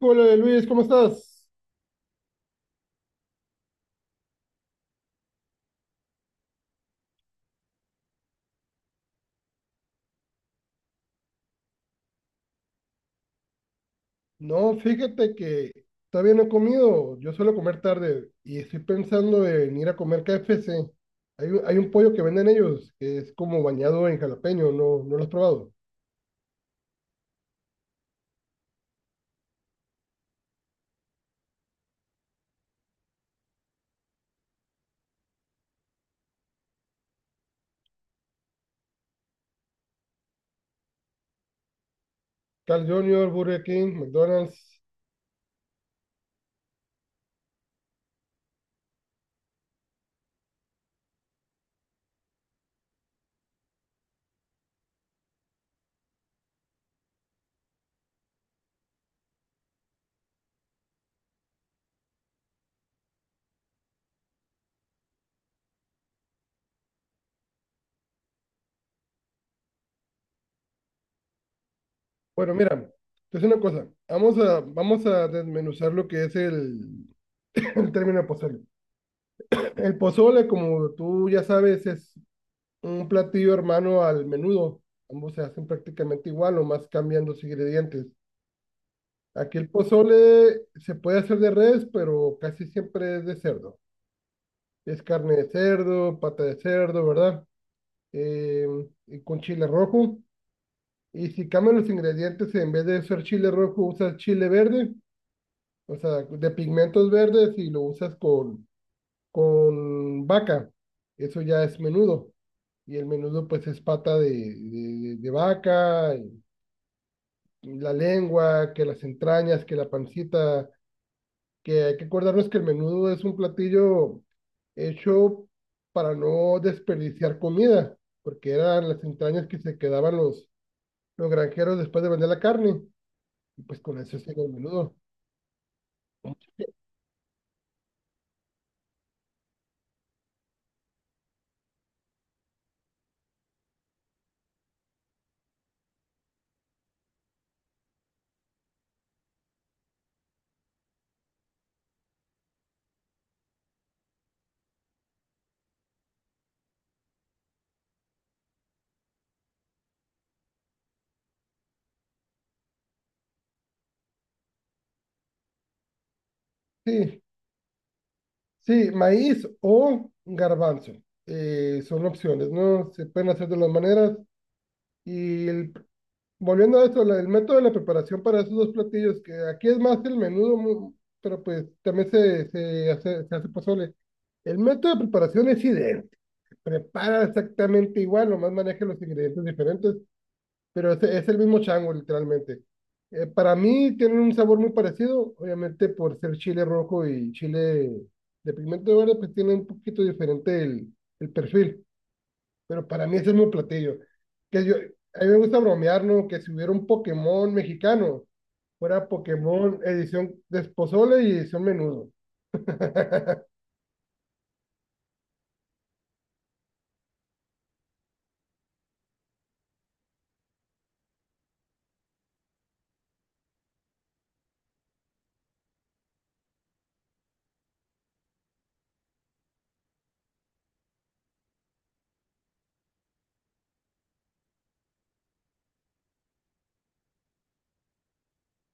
Hola Luis, ¿cómo estás? No, fíjate que todavía no he comido. Yo suelo comer tarde y estoy pensando en ir a comer KFC. Hay un pollo que venden ellos que es como bañado en jalapeño, ¿ no lo has probado? Carl Jr., Burger King, McDonald's. Bueno, mira, es una cosa. Vamos a desmenuzar lo que es el término de pozole. El pozole, como tú ya sabes, es un platillo hermano al menudo. Ambos se hacen prácticamente igual, o más cambiando sus ingredientes. Aquí el pozole se puede hacer de res, pero casi siempre es de cerdo. Es carne de cerdo, pata de cerdo, ¿verdad? Eh, y con chile rojo. Y si cambian los ingredientes, en vez de usar chile rojo, usas chile verde, o sea, de pigmentos verdes y lo usas con vaca. Eso ya es menudo. Y el menudo pues es pata de vaca, y la lengua, que las entrañas, que la pancita que hay que acordarnos que el menudo es un platillo hecho para no desperdiciar comida, porque eran las entrañas que se quedaban los granjeros después de vender la carne, y pues con eso se hacían el menudo. Sí, sí, maíz o garbanzo, son opciones, ¿no? Se pueden hacer de las maneras, y Volviendo a esto, el método de la preparación para esos dos platillos, que aquí es más el menudo, pero pues también se hace pozole. El método de preparación es idéntico, prepara exactamente igual, nomás maneja los ingredientes diferentes, pero es el mismo chango, literalmente. Para mí tienen un sabor muy parecido, obviamente por ser chile rojo y chile de pigmento verde, pues tiene un poquito diferente el perfil, pero para mí ese es mi platillo. A mí me gusta bromear, ¿no? Que si hubiera un Pokémon mexicano, fuera Pokémon edición de pozole y edición menudo.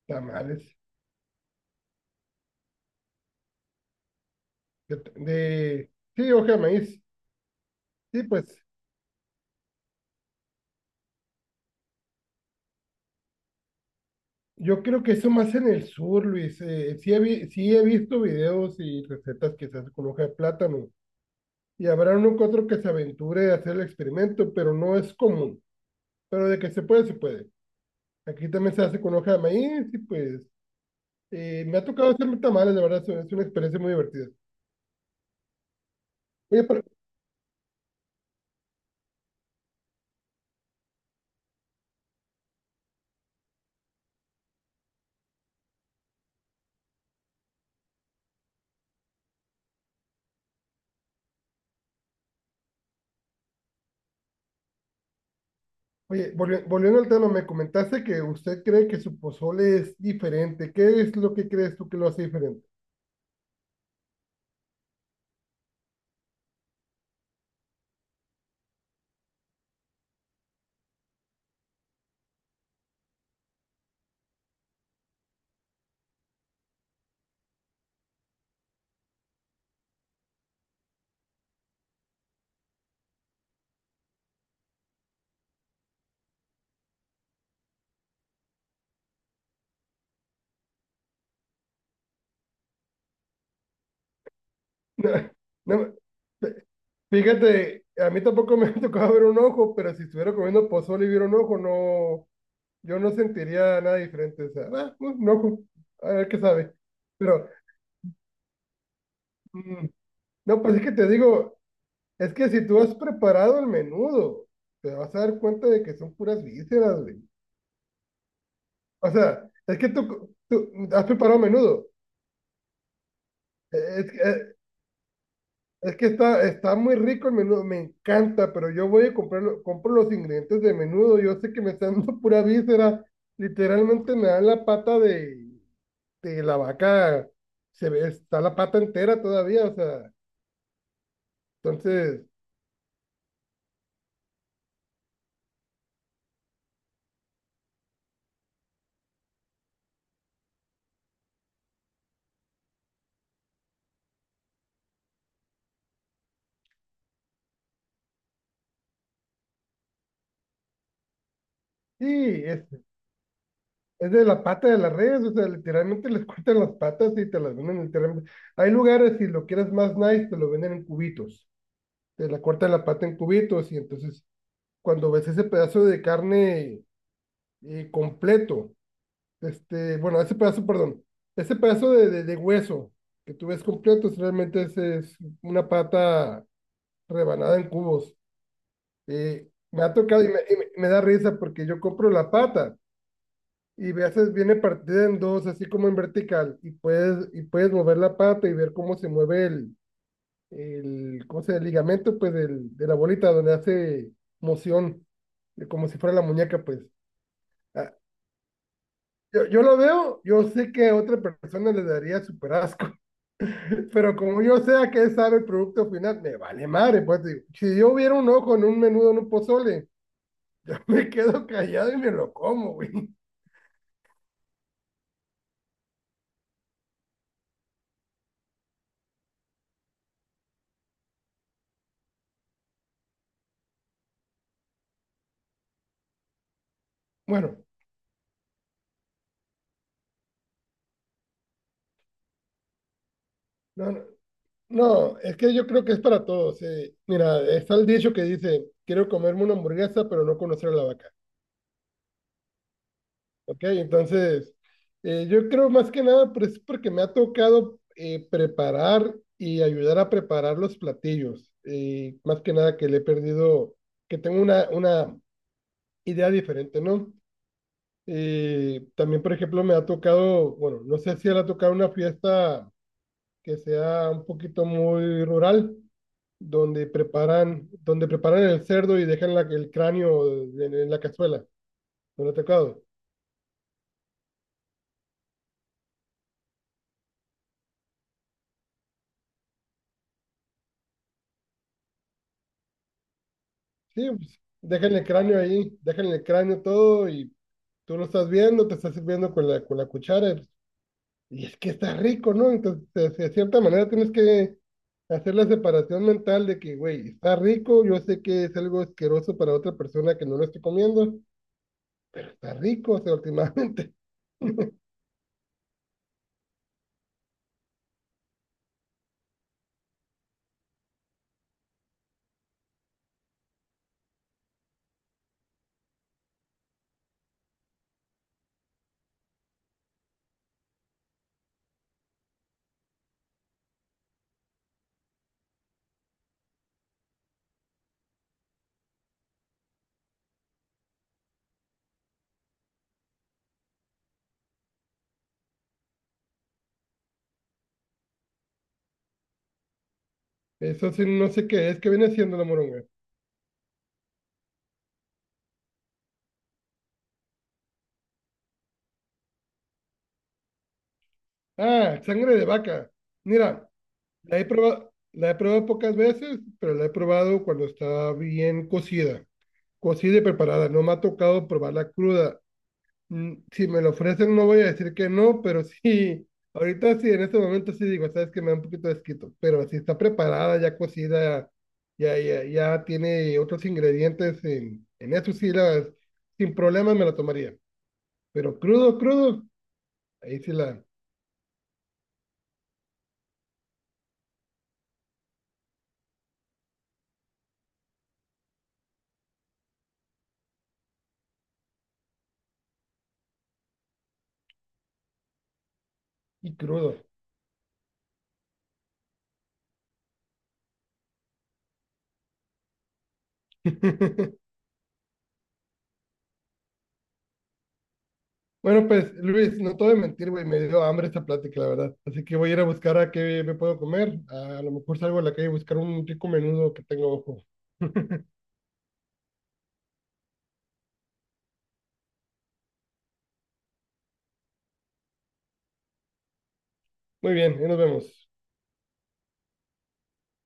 Tamales. De, de- sí, hoja de maíz. Sí, pues yo creo que eso más en el sur, Luis. Sí, sí he visto videos y recetas que se hacen con hoja de plátano. Y habrá uno que otro que se aventure a hacer el experimento, pero no es común. Pero de que se puede, se puede. Aquí también se hace con hoja de maíz y pues, eh, me ha tocado hacerme tamales, la verdad, es una experiencia muy divertida. Oye, pero- oye, volviendo al tema, me comentaste que usted cree que su pozole es diferente. ¿Qué es lo que crees tú que lo hace diferente? No, no, f- fíjate, a mí tampoco me ha tocado ver un ojo, pero si estuviera comiendo pozole y viera un ojo, no, yo no sentiría nada diferente. O sea, ah, un ojo, a ver qué sabe. Pero, mm, no, pues es que te digo, es que si tú has preparado el menudo, te vas a dar cuenta de que son puras vísceras, güey. O sea, es que tú has preparado menudo. Eh, Es, eh, es que está, está muy rico el menudo, me encanta, pero yo voy a comprarlo, compro los ingredientes de menudo. Yo sé que me están dando pura víscera. Literalmente me dan la pata de la vaca. Se ve, está la pata entera todavía. O sea, entonces, sí, es de la pata de las redes. O sea, literalmente les cortan las patas y te las venden literalmente. Hay lugares, si lo quieres más nice, te lo venden en cubitos. Te la corta la pata en cubitos y entonces cuando ves ese pedazo de carne, completo, este, bueno, ese pedazo, perdón, ese pedazo de hueso que tú ves completo, realmente es una pata rebanada en cubos. Me ha tocado y me da risa porque yo compro la pata y a veces viene partida en dos, así como en vertical, y puedes mover la pata y ver cómo se mueve ¿cómo se llama? El ligamento, pues, de la bolita donde hace moción, de como si fuera la muñeca, pues. Ah, yo lo veo, yo sé que a otra persona le daría súper asco, pero como yo sé a qué sabe el producto final, me vale madre, pues, digo, si yo hubiera un ojo en un menudo, en un pozole, me quedo callado y me lo como, güey. Bueno, no, no. No, es que yo creo que es para todos. Eh. Mira, está el dicho que dice, quiero comerme una hamburguesa, pero no conocer a la vaca. Ok, entonces, yo creo más que nada, pues es porque me ha tocado, preparar y ayudar a preparar los platillos. Más que nada que le he perdido, que tengo una idea diferente, ¿no? También, por ejemplo, me ha tocado, bueno, no sé si le ha tocado una fiesta que sea un poquito muy rural, donde preparan el cerdo y dejan el cráneo en la cazuela. ¿No le ha tocado? Sí, pues, dejen el cráneo ahí, dejen el cráneo todo y tú lo estás viendo, te estás sirviendo con con la cuchara y es que está rico, ¿no? Entonces, de cierta manera tienes que hacer la separación mental de que, güey, está rico, yo sé que es algo asqueroso para otra persona que no lo estoy comiendo, pero está rico, o sea, últimamente. Eso sí, no sé qué es, ¿que viene siendo la moronga? Ah, sangre de vaca. Mira, la he probado pocas veces, pero la he probado cuando está bien cocida. Cocida y preparada, no me ha tocado probarla cruda. Mm, si me lo ofrecen, no voy a decir que no, pero sí, ahorita sí, en este momento sí digo, sabes que me da un poquito de asquito, pero si está preparada, ya cocida, ya, ya, ya tiene otros ingredientes, en eso sí, sin problemas me la tomaría. Pero crudo, crudo, ahí sí la, y crudo. Bueno, pues Luis, no te voy a mentir, güey, me dio hambre esta plática, la verdad. Así que voy a ir a buscar a qué me puedo comer. A lo mejor salgo a la calle a buscar un rico menudo que tengo ojo. Muy bien, ahí nos vemos.